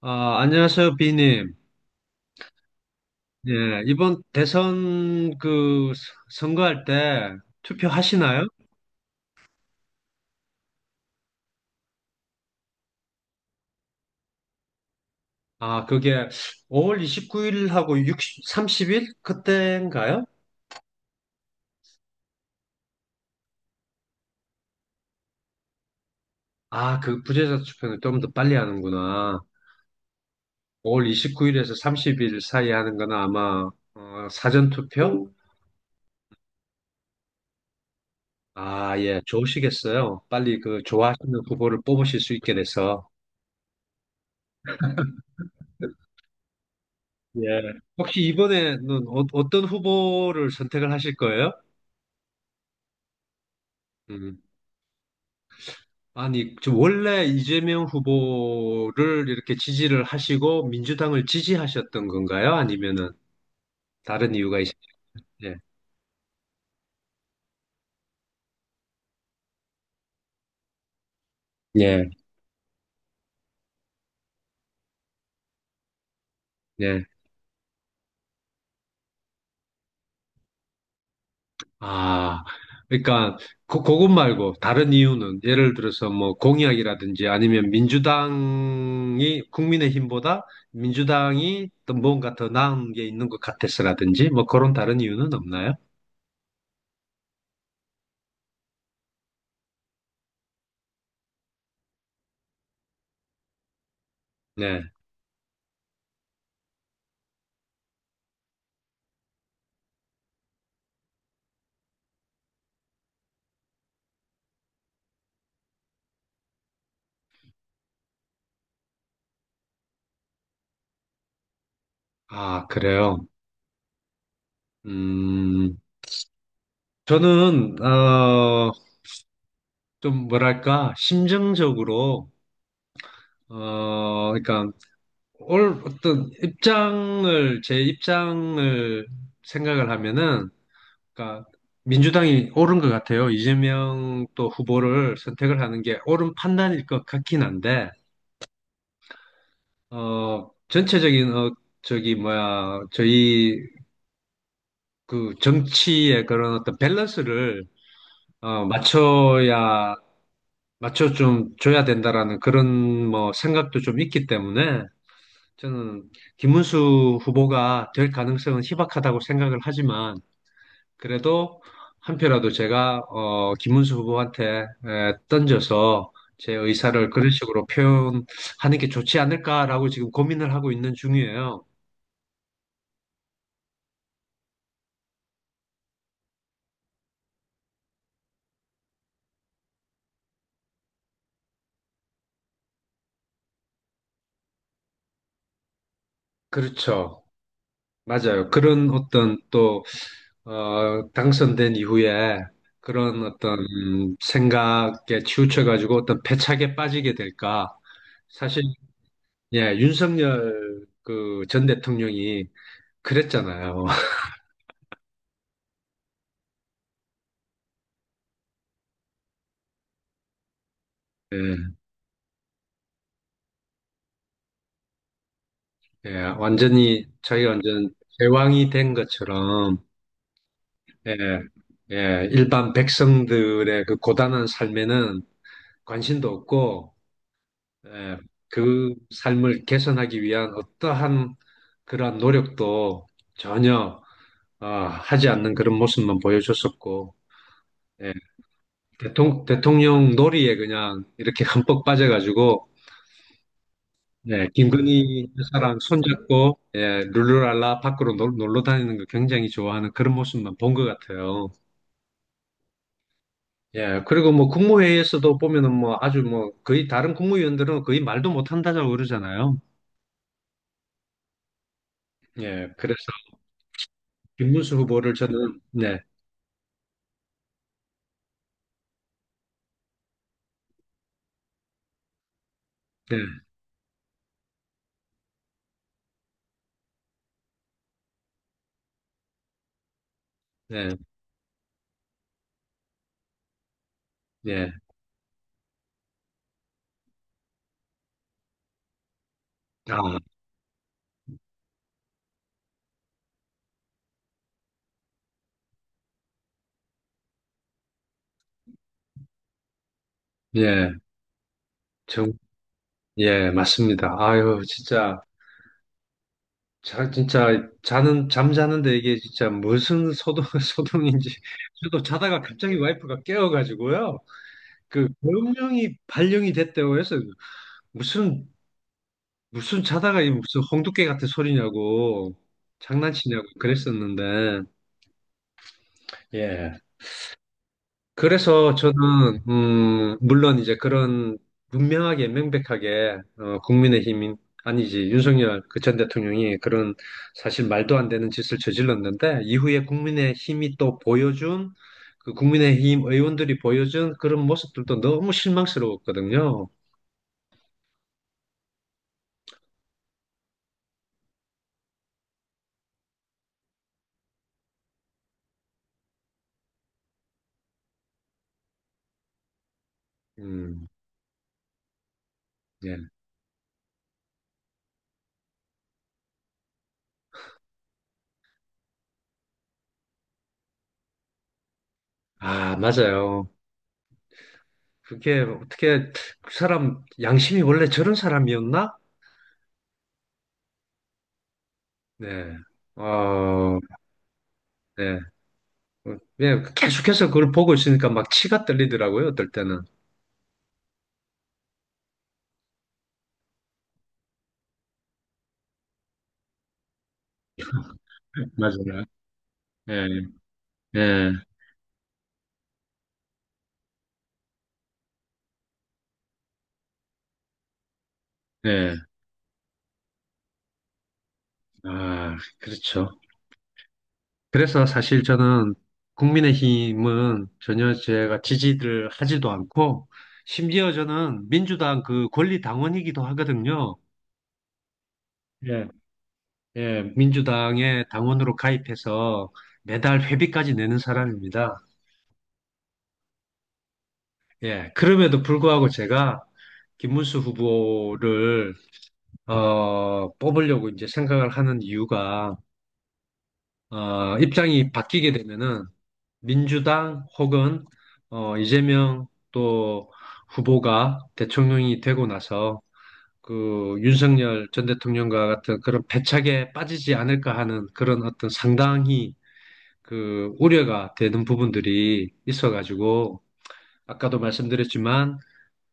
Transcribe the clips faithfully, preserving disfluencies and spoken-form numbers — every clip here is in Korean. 아, 안녕하세요, 비님. 예, 이번 대선 그 서- 선거할 때 투표하시나요? 아, 그게 오월 이십구 일하고 유, 삼십 일? 그때인가요? 아, 그 부재자 투표는 좀 더 빨리 하는구나. 오월 이십구 일에서 삼십 일 사이 하는 거는 아마 어, 사전 투표? 아, 예, 좋으시겠어요. 빨리 그 좋아하시는 후보를 뽑으실 수 있게 돼서. 예. 혹시 이번에는 어, 어떤 후보를 선택을 하실 거예요? 음. 아니, 저 원래 이재명 후보를 이렇게 지지를 하시고 민주당을 지지하셨던 건가요? 아니면은 다른 이유가 있으신데? 예, 예. 아, 그러니까 그, 그것 말고 다른 이유는 예를 들어서 뭐 공약이라든지 아니면 민주당이 국민의힘보다 민주당이 또 뭔가 더 나은 게 있는 것 같아서라든지 뭐 그런 다른 이유는 없나요? 네. 아, 그래요. 음, 저는 어. 좀 뭐랄까, 심정적으로, 어, 그러니까, 올 어떤 입장을, 제 입장을 생각을 하면은, 그러니까, 민주당이 옳은 것 같아요. 이재명 또 후보를 선택을 하는 게 옳은 판단일 것 같긴 한데, 어, 전체적인, 어, 저기, 뭐야, 저희 그 정치의 그런 어떤 밸런스를, 어, 맞춰야, 맞춰 좀 줘야 된다라는 그런 뭐 생각도 좀 있기 때문에, 저는 김문수 후보가 될 가능성은 희박하다고 생각을 하지만 그래도 한 표라도 제가 어, 김문수 후보한테 에, 던져서 제 의사를 그런 식으로 표현하는 게 좋지 않을까라고 지금 고민을 하고 있는 중이에요. 그렇죠. 맞아요. 그런 어떤 또 어, 당선된 이후에 그런 어떤 생각에 치우쳐가지고 어떤 패착에 빠지게 될까. 사실 예, 윤석열 그 전 대통령이 그랬잖아요. 예, 예, 완전히 자기가 완전 제왕이 된 것처럼 예, 예, 일반 백성들의 그 고단한 삶에는 관심도 없고 예, 그 삶을 개선하기 위한 어떠한 그러한 노력도 전혀 어, 하지 않는 그런 모습만 보여줬었고 예, 대통, 대통령 놀이에 그냥 이렇게 흠뻑 빠져가지고 네, 김건희 여사랑 손잡고 예, 룰루랄라 밖으로 놀, 놀러 다니는 거 굉장히 좋아하는 그런 모습만 본 것 같아요. 예, 그리고 뭐 국무회의에서도 보면은 뭐 아주 뭐 거의 다른 국무위원들은 거의 말도 못 한다고 그러잖아요. 예, 그래서 김문수 후보를 저는 네, 네, 네, 예, 아, 예, 정, 예, 맞습니다. 아유, 진짜 자, 진짜 자는 잠자는데 이게 진짜 무슨 소동 소동인지 저도 자다가 갑자기 와이프가 깨워가지고요. 그 명령이 발령이 됐다고 해서 무슨 무슨 자다가 이 무슨 홍두깨 같은 소리냐고 장난치냐고 그랬었는데 예. 그래서 저는 음, 물론 이제 그런 분명하게 명백하게 어, 국민의힘인, 아니지, 윤석열 그 전 대통령이 그런 사실 말도 안 되는 짓을 저질렀는데 이후에 국민의힘이 또 보여준 그 국민의힘 의원들이 보여준 그런 모습들도 너무 실망스러웠거든요. 음. 예. 아, 맞아요. 그게 어떻게, 그 사람 양심이 원래 저런 사람이었나? 네. 어, 네. 네, 계속해서 그걸 보고 있으니까 막 치가 떨리더라고요, 어떨 때는. 맞아요. 예, 예, 예. 아, 그렇죠. 그래서 사실 저는 국민의힘은 전혀 제가 지지를 하지도 않고, 심지어 저는 민주당 그 권리당원이기도 하거든요. 예. 예, 민주당의 당원으로 가입해서 매달 회비까지 내는 사람입니다. 예, 그럼에도 불구하고 제가 김문수 후보를 어, 뽑으려고 이제 생각을 하는 이유가, 어, 입장이 바뀌게 되면은 민주당 혹은 어, 이재명 또 후보가 대통령이 되고 나서 그 윤석열 전 대통령과 같은 그런 패착에 빠지지 않을까 하는 그런 어떤 상당히 그 우려가 되는 부분들이 있어가지고, 아까도 말씀드렸지만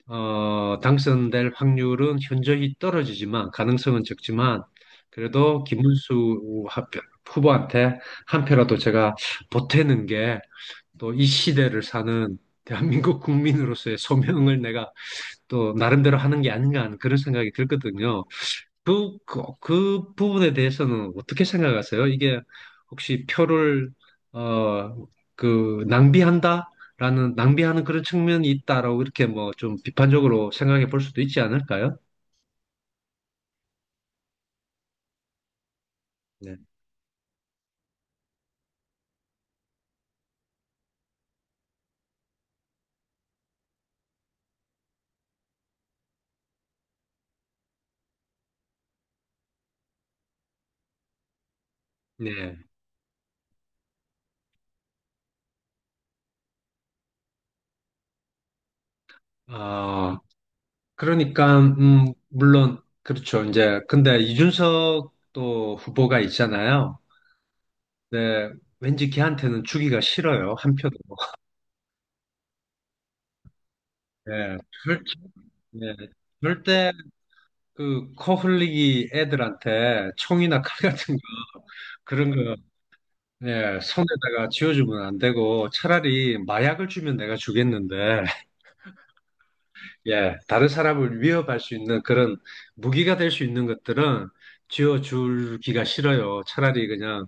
어, 당선될 확률은 현저히 떨어지지만, 가능성은 적지만 그래도 김문수 하- 후보한테 한 표라도 제가 보태는 게 또 이 시대를 사는 대한민국 국민으로서의 소명을 내가 또 나름대로 하는 게 아닌가 하는 그런 생각이 들거든요. 그, 그, 그 부분에 대해서는 어떻게 생각하세요? 이게 혹시 표를, 어, 그, 낭비한다? 라는, 낭비하는 그런 측면이 있다라고 이렇게 뭐 좀 비판적으로 생각해 볼 수도 있지 않을까요? 네. 네. 아, 그러니까, 음, 물론, 그렇죠. 이제, 근데 이준석 또 후보가 있잖아요. 네. 왠지 걔한테는 주기가 싫어요. 한 표도. 네. 절- 네. 절대 그 코 흘리기 애들한테 총이나 칼 같은 거, 그런 거 예, 손에다가 쥐어주면 안 되고, 차라리 마약을 주면 내가 주겠는데 예, 다른 사람을 위협할 수 있는 그런 무기가 될 수 있는 것들은 쥐어주기가 싫어요. 차라리 그냥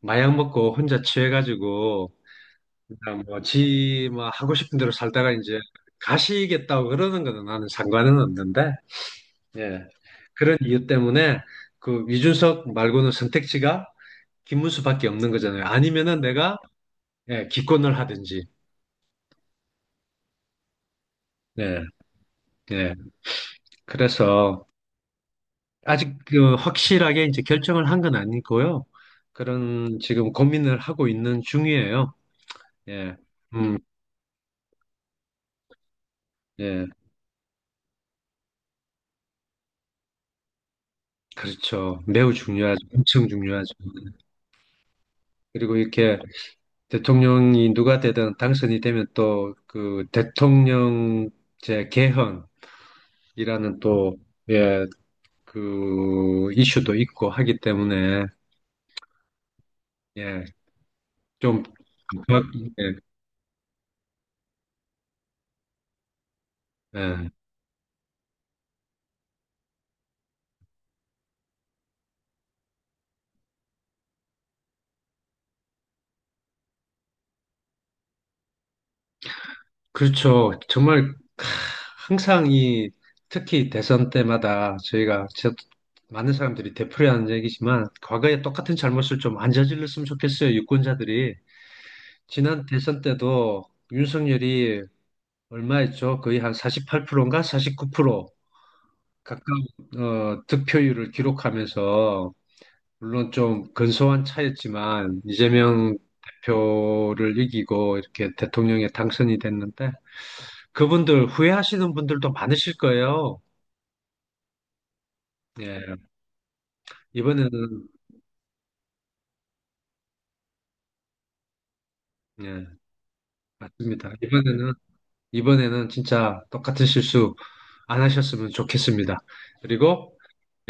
마약 먹고 혼자 취해가지고 그냥 뭐지뭐 하고 싶은 대로 살다가 이제 가시겠다고 그러는 거는 나는 상관은 없는데. 예. 그런 이유 때문에 그 이준석 말고는 선택지가 김문수밖에 없는 거잖아요. 아니면은 내가 예, 기권을 하든지. 예, 예. 그래서 아직 그 확실하게 이제 결정을 한 건 아니고요. 그런 지금 고민을 하고 있는 중이에요. 예. 음, 예. 그렇죠. 매우 중요하죠. 엄청 중요하죠. 그리고 이렇게 대통령이 누가 되든 당선이 되면 또 그 대통령제 개헌 이라는 또, 예, 그, 이슈도 있고 하기 때문에, 예, 좀, 막, 예, 예. 그렇죠. 정말, 캬, 항상 이, 특히 대선 때마다 저희가, 저, 많은 사람들이 되풀이하는 얘기지만, 과거에 똑같은 잘못을 좀 안 저질렀으면 좋겠어요, 유권자들이. 지난 대선 때도 윤석열이 얼마였죠? 거의 한 사십팔 프로인가? 사십구 프로 가까운, 어, 득표율을 기록하면서, 물론 좀 근소한 차였지만 이재명 대표를 이기고 이렇게 대통령에 당선이 됐는데 그분들 후회하시는 분들도 많으실 거예요. 예, 이번에는 예, 맞습니다. 이번에는 이번에는 진짜 똑같은 실수 안 하셨으면 좋겠습니다. 그리고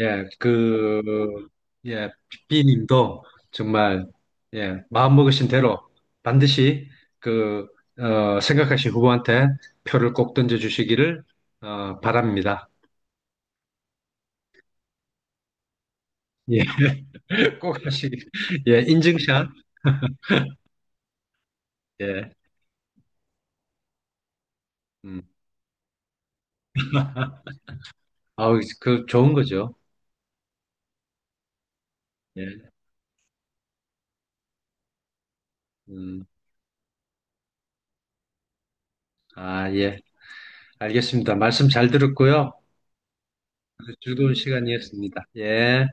예, 그, 예, 비님도 정말, 예, 마음먹으신 대로 반드시 그, 어, 생각하신 후보한테 표를 꼭 던져주시기를, 어, 바랍니다. 예, 꼭 하시기, 예, 인증샷, 예, 음, 아우, 그, 좋은 거죠. 예, 음, 아, 예, 알겠습니다. 말씀 잘 들었고요. 즐거운 시간이었습니다. 예.